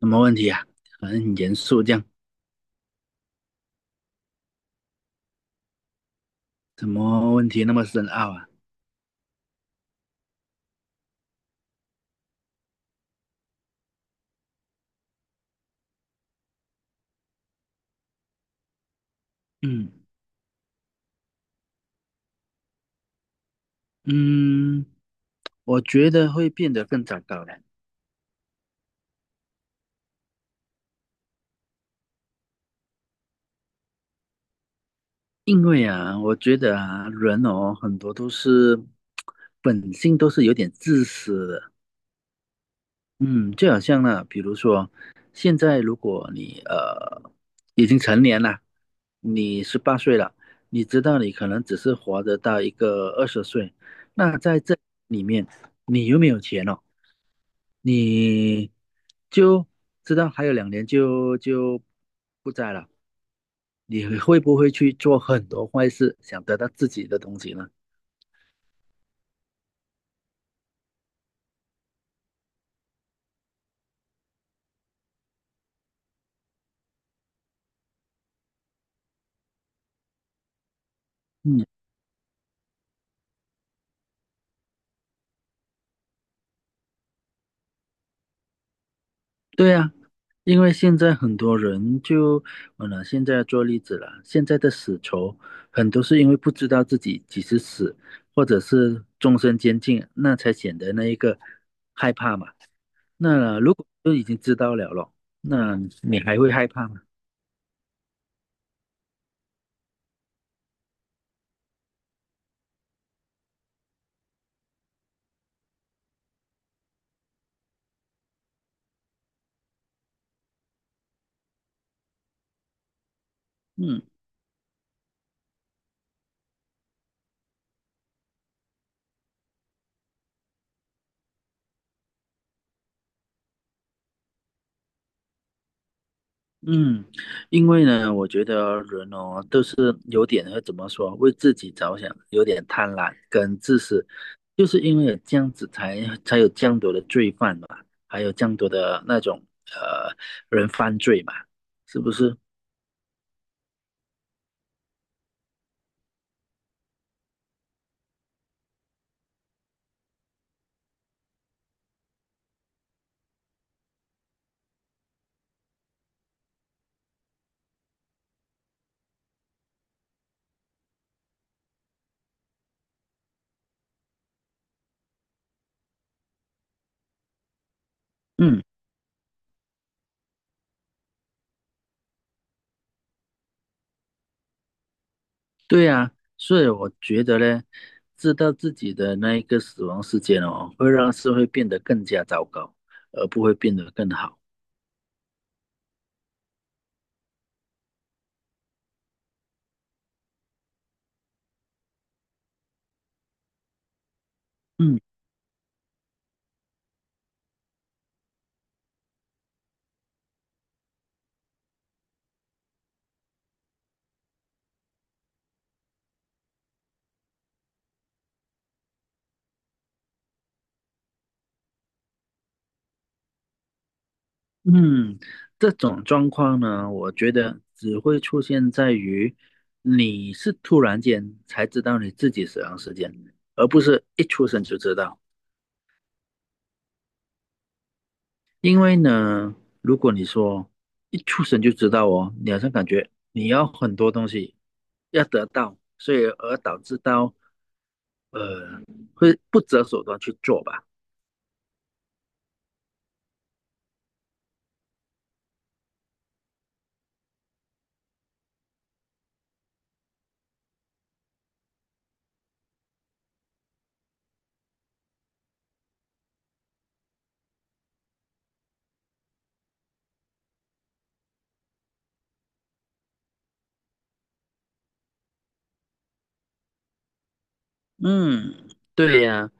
什么问题啊？很严肃这样，什么问题那么深奥啊？嗯嗯，我觉得会变得更糟糕的，因为啊，我觉得啊，人哦，很多都是 本性都是有点自私的，嗯，就好像呢，比如说，现在如果你已经成年了，你十八岁了，你知道你可能只是活得到一个二十岁，那在这里面，你有没有钱了？你就知道还有两年就不在了，你会不会去做很多坏事，想得到自己的东西呢？嗯。对呀，因为现在很多人就，拿现在做例子了，现在的死囚很多是因为不知道自己几时死，或者是终身监禁，那才显得那一个害怕嘛。那如果都已经知道了咯，那你还会害怕吗？嗯。嗯，因为呢，我觉得人哦，都是有点会怎么说，为自己着想，有点贪婪跟自私，就是因为有这样子才有这样多的罪犯嘛，还有这样多的那种呃人犯罪嘛，是不是？嗯，对呀，所以我觉得呢，知道自己的那一个死亡时间哦，会让社会变得更加糟糕，而不会变得更好。嗯。嗯，这种状况呢，我觉得只会出现在于你是突然间才知道你自己死亡时间，而不是一出生就知道。因为呢，如果你说一出生就知道哦，你好像感觉你要很多东西要得到，所以而导致到呃会不择手段去做吧。嗯，对呀。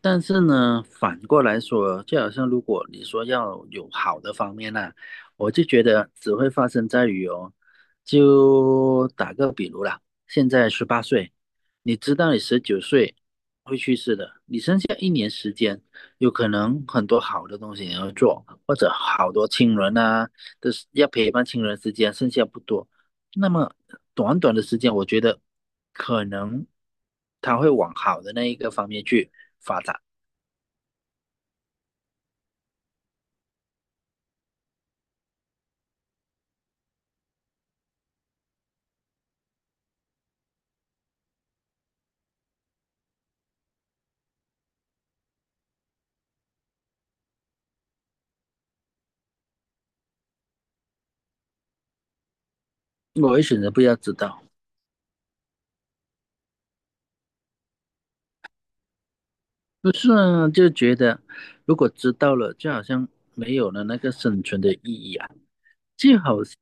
但是呢，反过来说，就好像如果你说要有好的方面呢、我就觉得只会发生在于哦，就打个比如啦，现在十八岁，你知道你19岁会去世的，你有可能很多好的东西你要做，或者好多亲人啊，都是要陪伴亲人时间剩下不多，那么短短的时间，我觉得可能他会往好的那一个方面去，我会选择不要知道。不是啊，就觉得如果知道了，就好像没有了那个生存的意义啊，就好像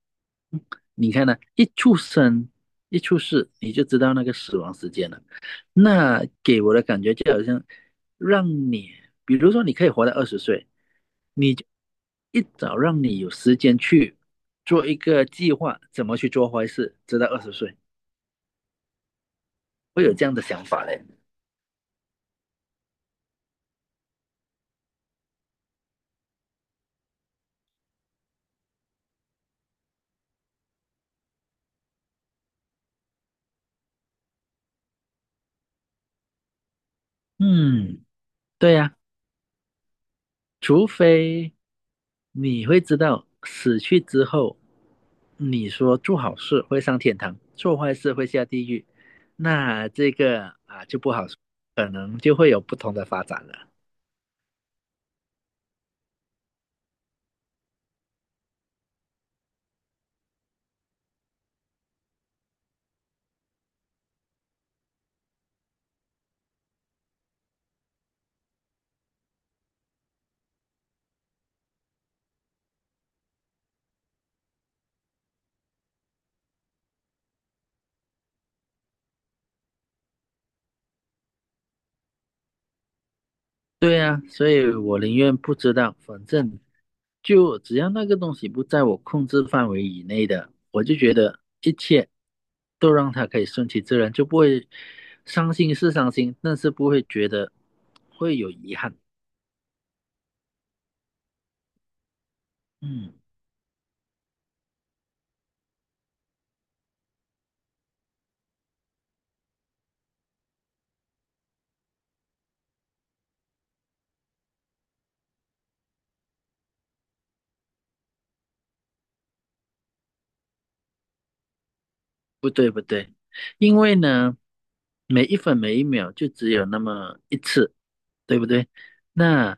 你看呢、一出生一出世你就知道那个死亡时间了，那给我的感觉就好像让你，比如说你可以活到二十岁，你就一早让你有时间去做一个计划，怎么去做坏事，直到二十岁，会有这样的想法嘞。嗯，对呀、除非你会知道死去之后，你说做好事会上天堂，做坏事会下地狱，那这个啊就不好说，可能就会有不同的发展了。对啊，所以我宁愿不知道，反正就只要那个东西不在我控制范围以内的，我就觉得一切都让它可以顺其自然，就不会伤心是伤心，但是不会觉得会有遗憾。嗯。不对不对，因为呢，每一分每一秒就只有那么一次，对不对？那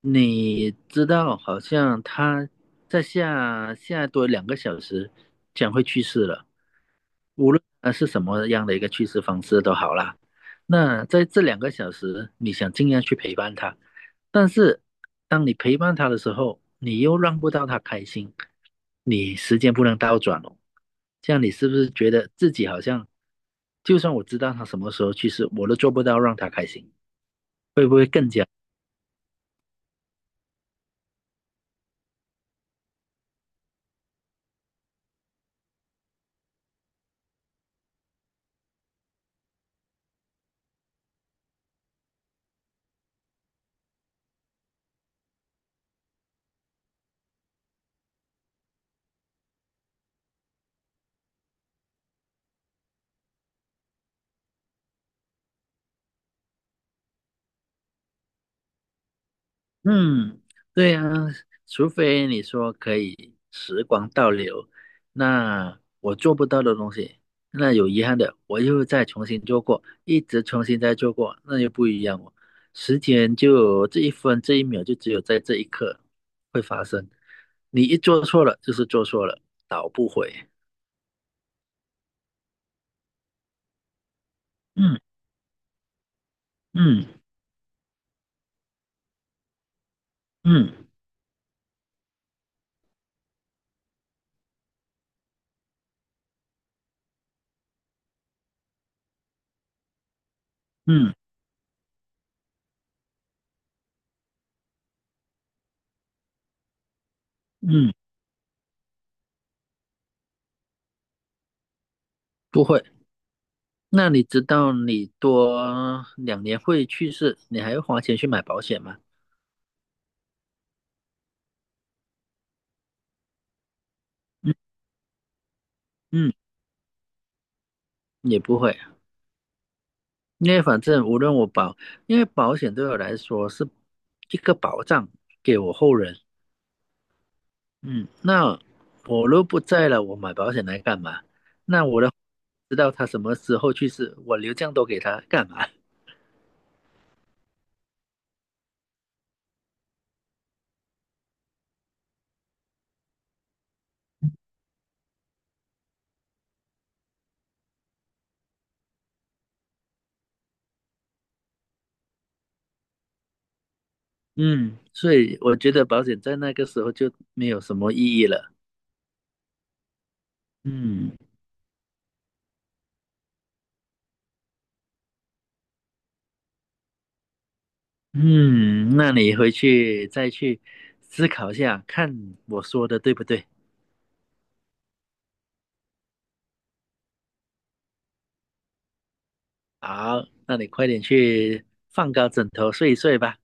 你知道，好像他在下多两个小时将会去世了，无论他是什么样的一个去世方式都好啦。那在这两个小时，你想尽量去陪伴他，但是当你陪伴他的时候，你又让不到他开心，你时间不能倒转哦。这样你是不是觉得自己好像，就算我知道他什么时候去世，我都做不到让他开心？嗯，对呀，除非你说可以时光倒流，那我做不到的东西，那有遗憾的，我又再重新做过，一直重新再做过，那又不一样哦。时间就这一分这一秒，就只有在这一刻会发生。你一做错了，就是做错了，倒不回。嗯嗯。嗯嗯嗯，不会。那你知道你多两年会去世，你还要花钱去买保险吗？嗯嗯，也不会，因为反正无论我保，因为保险对我来说是一个保障，给我后人。嗯，那我若不在了，我买保险来干嘛？那我的知道他什么时候去世，我留这样多给他干嘛？嗯，所以我觉得保险在那个时候就没有什么意义了。嗯。嗯，那你回去再去思考一下，看我说的对不对。好，那你快点去放高枕头睡一睡吧。